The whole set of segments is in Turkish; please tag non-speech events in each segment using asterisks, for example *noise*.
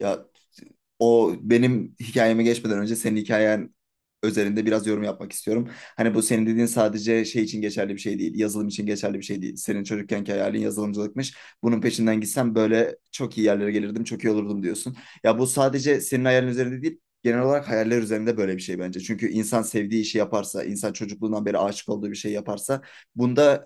Ya o benim hikayeme geçmeden önce senin hikayen özelinde biraz yorum yapmak istiyorum. Hani bu senin dediğin sadece şey için geçerli bir şey değil. Yazılım için geçerli bir şey değil. Senin çocukkenki hayalin yazılımcılıkmış. Bunun peşinden gitsem böyle çok iyi yerlere gelirdim, çok iyi olurdum diyorsun. Ya bu sadece senin hayalin üzerinde değil, genel olarak hayaller üzerinde böyle bir şey bence. Çünkü insan sevdiği işi yaparsa, insan çocukluğundan beri aşık olduğu bir şey yaparsa, bunda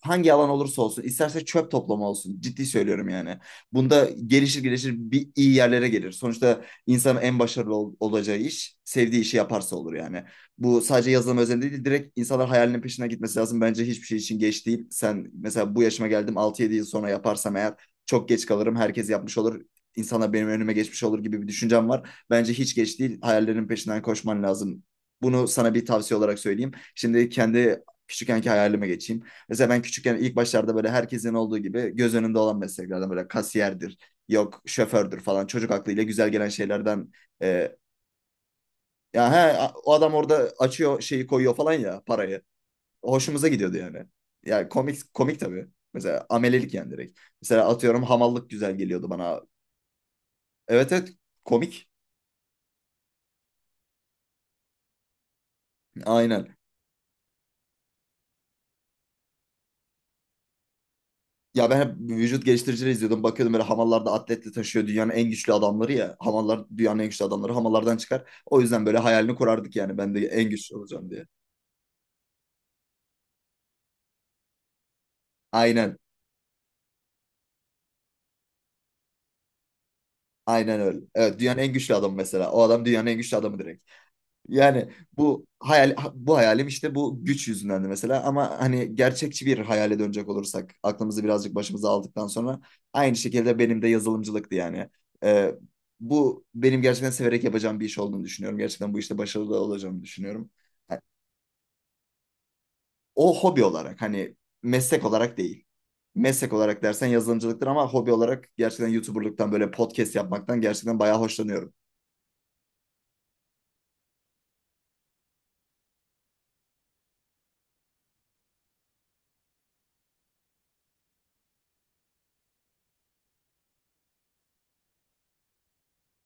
hangi alan olursa olsun, isterse çöp toplama olsun. Ciddi söylüyorum yani. Bunda gelişir gelişir bir iyi yerlere gelir. Sonuçta insanın en başarılı olacağı iş sevdiği işi yaparsa olur yani. Bu sadece yazılım özelinde değil direkt insanlar hayalinin peşine gitmesi lazım. Bence hiçbir şey için geç değil. Sen mesela bu yaşıma geldim altı yedi yıl sonra yaparsam eğer çok geç kalırım. Herkes yapmış olur. İnsanlar benim önüme geçmiş olur gibi bir düşüncem var. Bence hiç geç değil. Hayallerin peşinden koşman lazım. Bunu sana bir tavsiye olarak söyleyeyim. Şimdi kendi küçükkenki hayalime geçeyim. Mesela ben küçükken ilk başlarda böyle herkesin olduğu gibi göz önünde olan mesleklerden böyle kasiyerdir, yok şofördür falan çocuk aklıyla güzel gelen şeylerden e, ya he, o adam orada açıyor şeyi koyuyor falan ya parayı. Hoşumuza gidiyordu yani. Yani komik komik tabii. Mesela amelelik yani direkt. Mesela atıyorum hamallık güzel geliyordu bana. Evet evet, komik. Aynen. Ya ben hep vücut geliştiricileri izliyordum. Bakıyordum böyle hamallarda atletle taşıyor dünyanın en güçlü adamları ya. Hamallar dünyanın en güçlü adamları hamallardan çıkar. O yüzden böyle hayalini kurardık yani ben de en güçlü olacağım diye. Aynen. Aynen öyle. Evet, dünyanın en güçlü adamı mesela. O adam dünyanın en güçlü adamı direkt. Yani bu hayal bu hayalim işte bu güç yüzündendi mesela ama hani gerçekçi bir hayale dönecek olursak aklımızı birazcık başımıza aldıktan sonra aynı şekilde benim de yazılımcılıktı yani. Ee, bu benim gerçekten severek yapacağım bir iş olduğunu düşünüyorum. Gerçekten bu işte başarılı olacağımı düşünüyorum. Yani o hobi olarak hani meslek olarak değil. Meslek olarak dersen yazılımcılıktır ama hobi olarak gerçekten YouTuber'lıktan böyle podcast yapmaktan gerçekten bayağı hoşlanıyorum.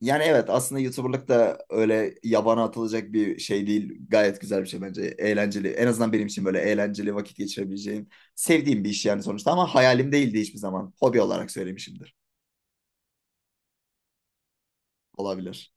Yani evet, aslında YouTuber'lık da öyle yabana atılacak bir şey değil. Gayet güzel bir şey bence. Eğlenceli. En azından benim için böyle eğlenceli vakit geçirebileceğim sevdiğim bir iş yani sonuçta, ama hayalim değildi hiçbir zaman. Hobi olarak söylemişimdir. Olabilir.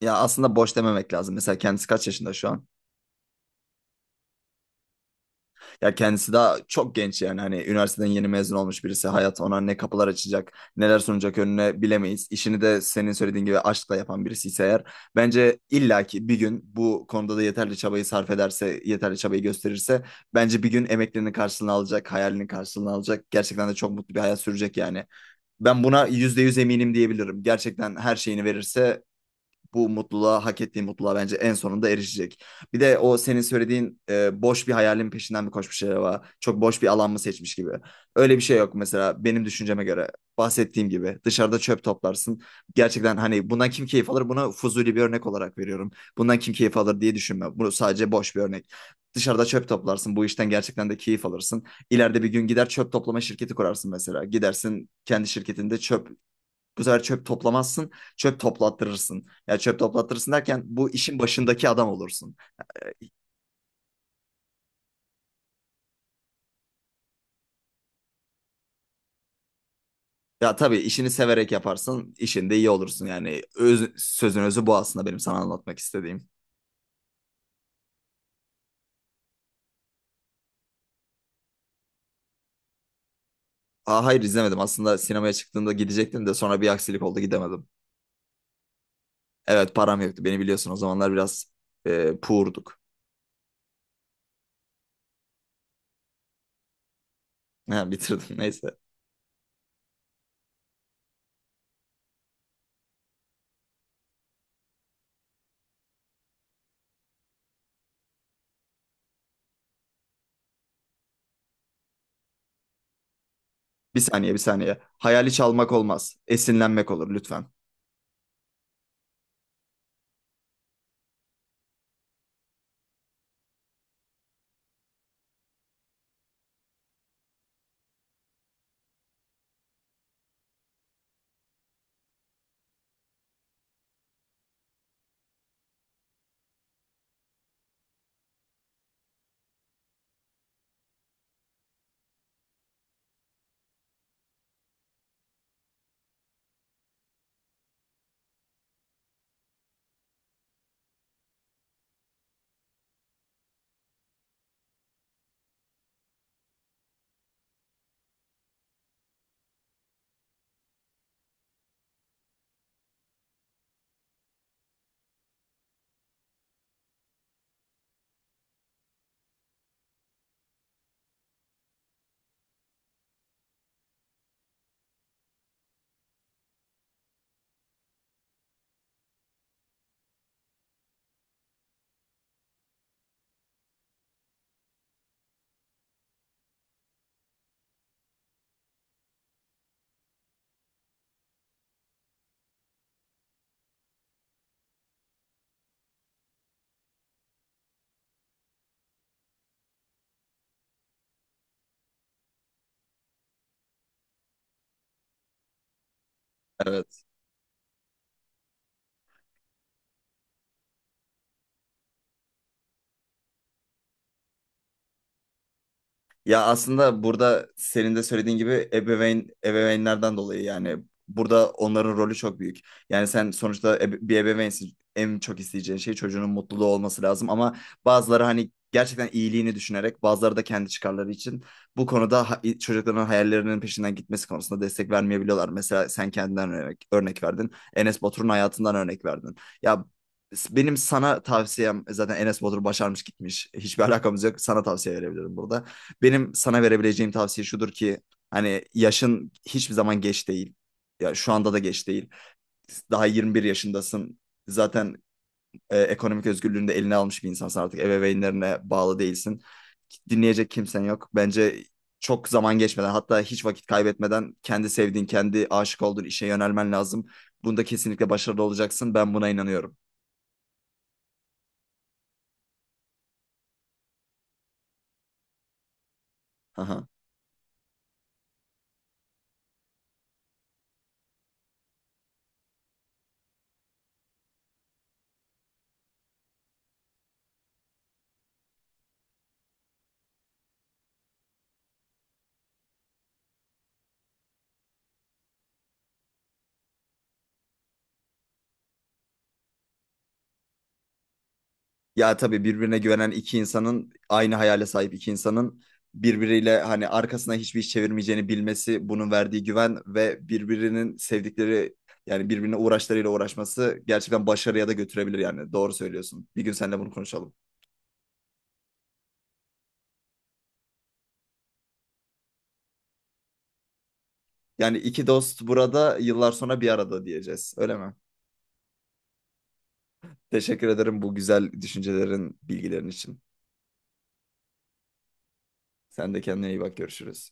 Ya aslında boş dememek lazım. Mesela kendisi kaç yaşında şu an? Ya kendisi daha çok genç yani, hani üniversiteden yeni mezun olmuş birisi, hayat ona ne kapılar açacak, neler sunacak önüne bilemeyiz. İşini de senin söylediğin gibi aşkla yapan birisi ise eğer, bence illaki bir gün bu konuda da yeterli çabayı sarf ederse, yeterli çabayı gösterirse bence bir gün emeklerinin karşılığını alacak, hayalinin karşılığını alacak, gerçekten de çok mutlu bir hayat sürecek yani. Ben buna %100 eminim diyebilirim, gerçekten her şeyini verirse bu mutluluğa, hak ettiği mutluluğa bence en sonunda erişecek. Bir de o senin söylediğin boş bir hayalin peşinden mi koşmuş acaba? Çok boş bir alan mı seçmiş gibi. Öyle bir şey yok mesela benim düşünceme göre. Bahsettiğim gibi dışarıda çöp toplarsın. Gerçekten hani bundan kim keyif alır? Buna fuzuli bir örnek olarak veriyorum. Bundan kim keyif alır diye düşünme. Bu sadece boş bir örnek. Dışarıda çöp toplarsın. Bu işten gerçekten de keyif alırsın. İleride bir gün gider çöp toplama şirketi kurarsın mesela. Gidersin kendi şirketinde çöp, bu sefer çöp toplamazsın, çöp toplattırırsın. Ya çöp toplattırırsın derken bu işin başındaki adam olursun. Ya tabii, işini severek yaparsın, işinde iyi olursun. Yani öz, sözün özü bu aslında benim sana anlatmak istediğim. Aa, hayır izlemedim. Aslında sinemaya çıktığımda gidecektim de sonra bir aksilik oldu, gidemedim. Evet param yoktu. Beni biliyorsun o zamanlar biraz poor'duk. Ha, bitirdim *laughs* neyse. Bir saniye, bir saniye. Hayali çalmak olmaz. Esinlenmek olur lütfen. Evet. Ya aslında burada senin de söylediğin gibi ebeveynlerden dolayı yani burada onların rolü çok büyük. Yani sen sonuçta bir ebeveynsin. En çok isteyeceğin şey çocuğunun mutluluğu olması lazım, ama bazıları hani gerçekten iyiliğini düşünerek, bazıları da kendi çıkarları için bu konuda çocukların hayallerinin peşinden gitmesi konusunda destek vermeyebiliyorlar. Mesela sen kendinden örnek verdin. Enes Batur'un hayatından örnek verdin. Ya benim sana tavsiyem zaten Enes Batur başarmış gitmiş. Hiçbir *laughs* alakamız yok. Sana tavsiye verebilirim burada. Benim sana verebileceğim tavsiye şudur ki hani yaşın hiçbir zaman geç değil. Ya şu anda da geç değil. Daha 21 yaşındasın. Zaten ekonomik özgürlüğünü de eline almış bir insansın artık. Ebeveynlerine bağlı değilsin. Dinleyecek kimsen yok. Bence çok zaman geçmeden, hatta hiç vakit kaybetmeden kendi sevdiğin, kendi aşık olduğun işe yönelmen lazım. Bunda kesinlikle başarılı olacaksın. Ben buna inanıyorum. Aha. Ya tabii birbirine güvenen iki insanın, aynı hayale sahip iki insanın birbiriyle hani arkasına hiçbir iş çevirmeyeceğini bilmesi, bunun verdiği güven ve birbirinin sevdikleri yani birbirine uğraşlarıyla uğraşması gerçekten başarıya da götürebilir yani. Doğru söylüyorsun. Bir gün seninle bunu konuşalım. Yani iki dost burada yıllar sonra bir arada diyeceğiz. Öyle mi? Teşekkür ederim bu güzel düşüncelerin, bilgilerin için. Sen de kendine iyi bak. Görüşürüz.